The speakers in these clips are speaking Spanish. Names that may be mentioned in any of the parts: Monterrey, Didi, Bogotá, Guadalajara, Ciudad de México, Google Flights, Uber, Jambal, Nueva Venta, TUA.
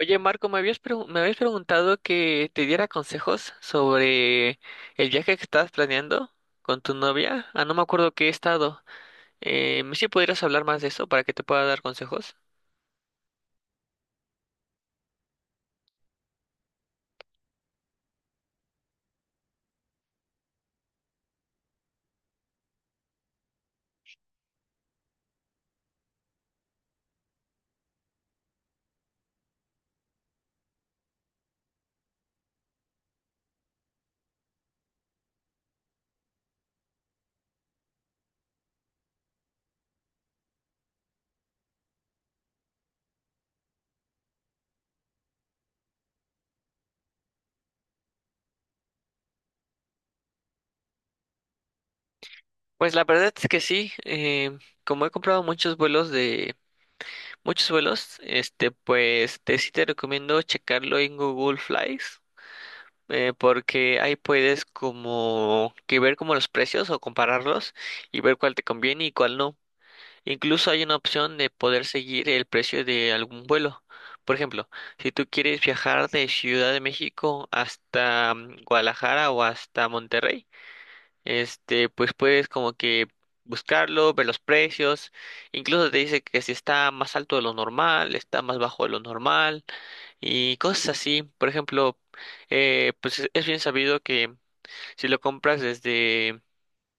Oye, Marco, me habías preguntado que te diera consejos sobre el viaje que estabas planeando con tu novia. Ah, no me acuerdo qué estado. ¿Sí pudieras hablar más de eso para que te pueda dar consejos? Pues la verdad es que sí. Como he comprado muchos vuelos, este, pues te sí te recomiendo checarlo en Google Flights. Porque ahí puedes como que ver como los precios o compararlos y ver cuál te conviene y cuál no. Incluso hay una opción de poder seguir el precio de algún vuelo. Por ejemplo, si tú quieres viajar de Ciudad de México hasta Guadalajara o hasta Monterrey, este, pues puedes como que buscarlo, ver los precios. Incluso te dice que si está más alto de lo normal, está más bajo de lo normal y cosas así. Por ejemplo, pues es bien sabido que si lo compras desde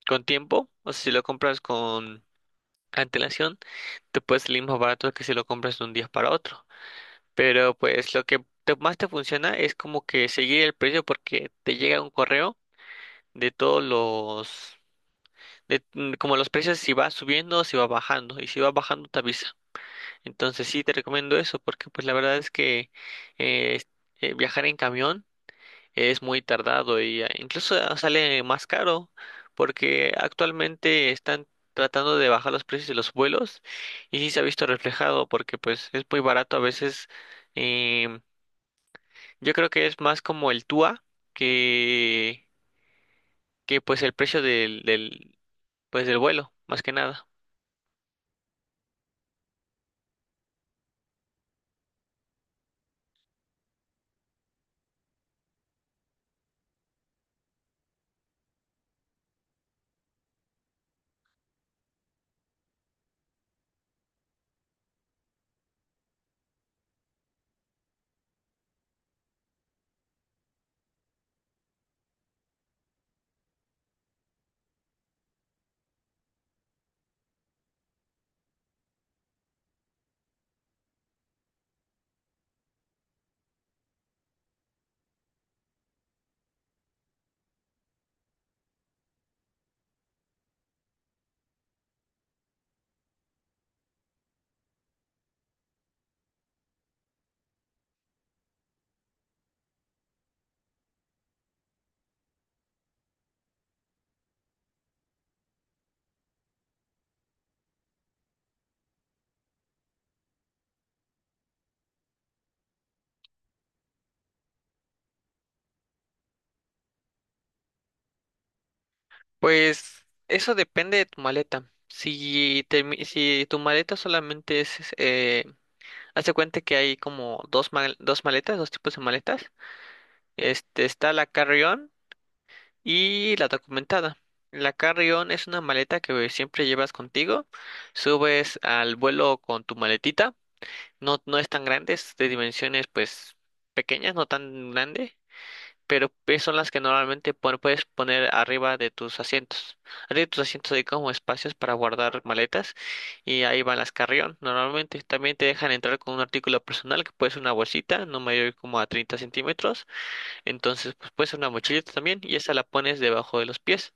con tiempo, o sea, si lo compras con antelación, te puede salir más barato que si lo compras de un día para otro. Pero pues lo que más te funciona es como que seguir el precio porque te llega un correo de todos los, como los precios si va subiendo o si va bajando. Y si va bajando te avisa. Entonces sí te recomiendo eso porque pues la verdad es que eh, es- viajar en camión es muy tardado y incluso ah, sale más caro porque actualmente están tratando de bajar los precios de los vuelos y sí se ha visto reflejado porque pues es muy barato a veces. em, yo creo que es más como el TUA que que pues el precio del pues del vuelo más que nada. Pues eso depende de tu maleta, si tu maleta solamente es. Hazte cuenta que hay como dos maletas, dos tipos de maletas. Este, está la carry-on y la documentada. La carry-on es una maleta que siempre llevas contigo. Subes al vuelo con tu maletita. No, no es tan grande, es de dimensiones pues pequeñas, no tan grande, pero pues son las que normalmente puedes poner arriba de tus asientos. Arriba de tus asientos hay como espacios para guardar maletas y ahí van las carry-on. Normalmente también te dejan entrar con un artículo personal que puede ser una bolsita, no mayor como a 30 cm. Entonces, pues puede ser una mochilita también y esa la pones debajo de los pies.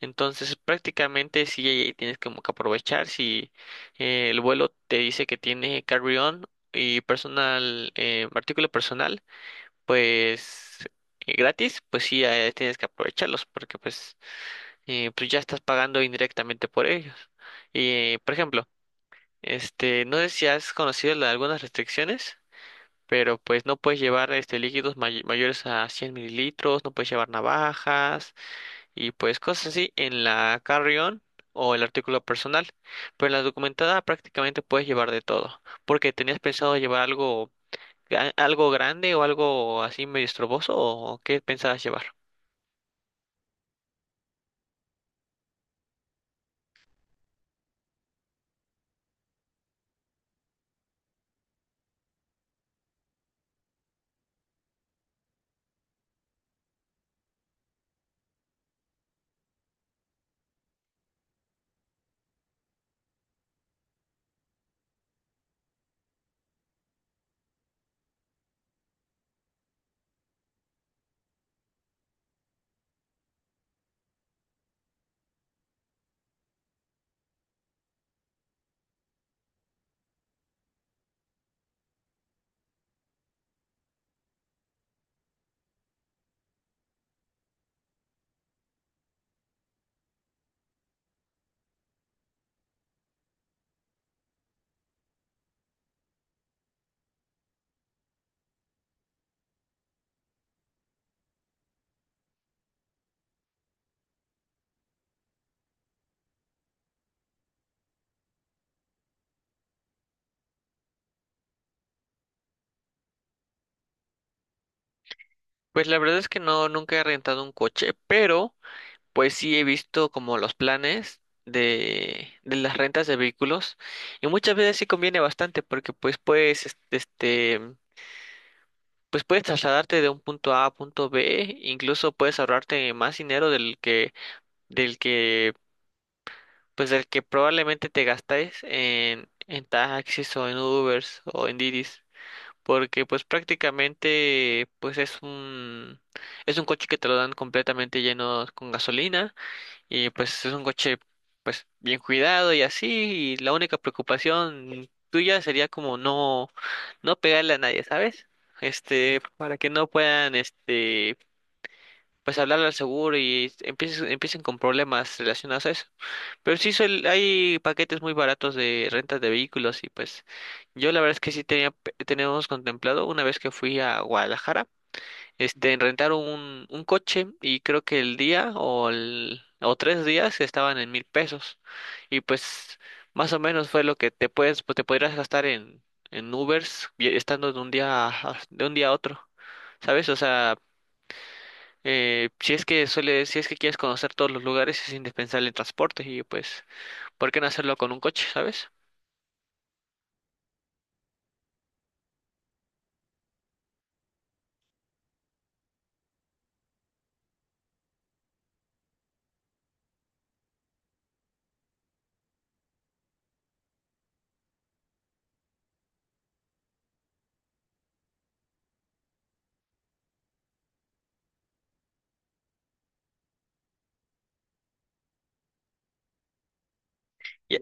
Entonces, prácticamente sí ahí tienes como que aprovechar si el vuelo te dice que tiene carry-on y personal, artículo personal, pues gratis, pues sí tienes que aprovecharlos, porque pues pues ya estás pagando indirectamente por ellos. Y, por ejemplo, este, no sé si has conocido algunas restricciones, pero pues no puedes llevar este líquidos mayores a 100 ml, no puedes llevar navajas y pues cosas así en la carry-on o el artículo personal. Pero en la documentada prácticamente puedes llevar de todo. Porque ¿tenías pensado llevar algo grande o algo así medio estroboso, o qué pensabas llevar? Pues la verdad es que no, nunca he rentado un coche, pero pues sí, he visto como los planes de las rentas de vehículos y muchas veces sí conviene bastante, porque pues puedes, este, pues puedes trasladarte de un punto A a punto B, incluso puedes ahorrarte más dinero del que, pues del que probablemente te gastáis en taxis o en Ubers o en Didis, porque pues prácticamente pues es un coche que te lo dan completamente lleno con gasolina. Y pues es un coche pues bien cuidado y así, y la única preocupación tuya sería como no, no pegarle a nadie, ¿sabes? Este, para que no puedan, este, pues hablarle al seguro y empiecen con problemas relacionados a eso. Pero sí hay paquetes muy baratos de rentas de vehículos y pues yo la verdad es que sí tenemos contemplado. Una vez que fui a Guadalajara, este, rentaron un coche y creo que el día o tres días estaban en 1,000 pesos. Y pues más o menos fue lo que pues, te podrías gastar en Ubers estando de un día a otro. ¿Sabes? O sea, si es que quieres conocer todos los lugares es indispensable el transporte y pues, ¿por qué no hacerlo con un coche, sabes? Ya.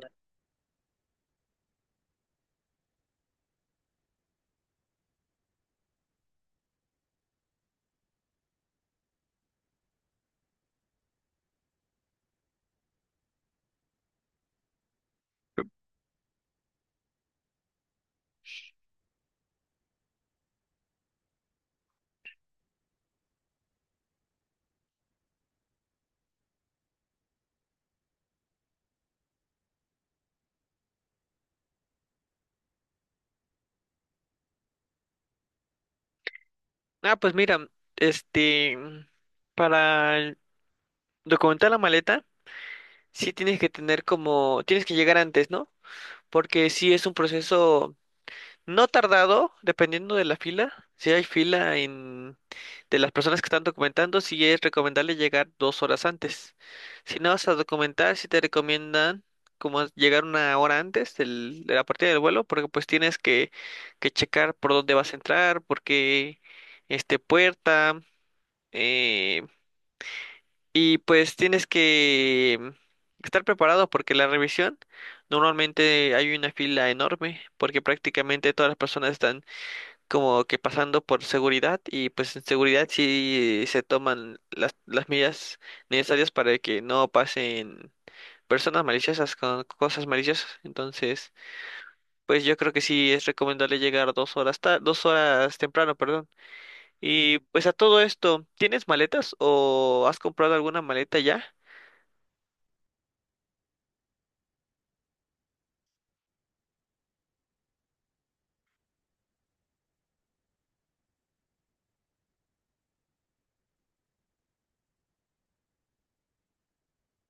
Ah, pues mira, este, para documentar la maleta, sí tienes que llegar antes, ¿no? Porque sí es un proceso no tardado, dependiendo de la fila. Si hay fila de las personas que están documentando, sí es recomendable llegar 2 horas antes. Si no vas a documentar, sí te recomiendan como llegar una hora antes de la partida del vuelo, porque pues tienes que checar por dónde vas a entrar, porque este puerta. eh, y pues tienes que estar preparado, porque la revisión normalmente hay una fila enorme, porque prácticamente todas las personas están como que pasando por seguridad, y pues en seguridad sí se toman las medidas necesarias para que no pasen personas maliciosas con cosas maliciosas. Entonces, pues yo creo que sí es recomendable llegar 2 horas temprano, perdón. Y pues a todo esto, ¿tienes maletas o has comprado alguna maleta ya?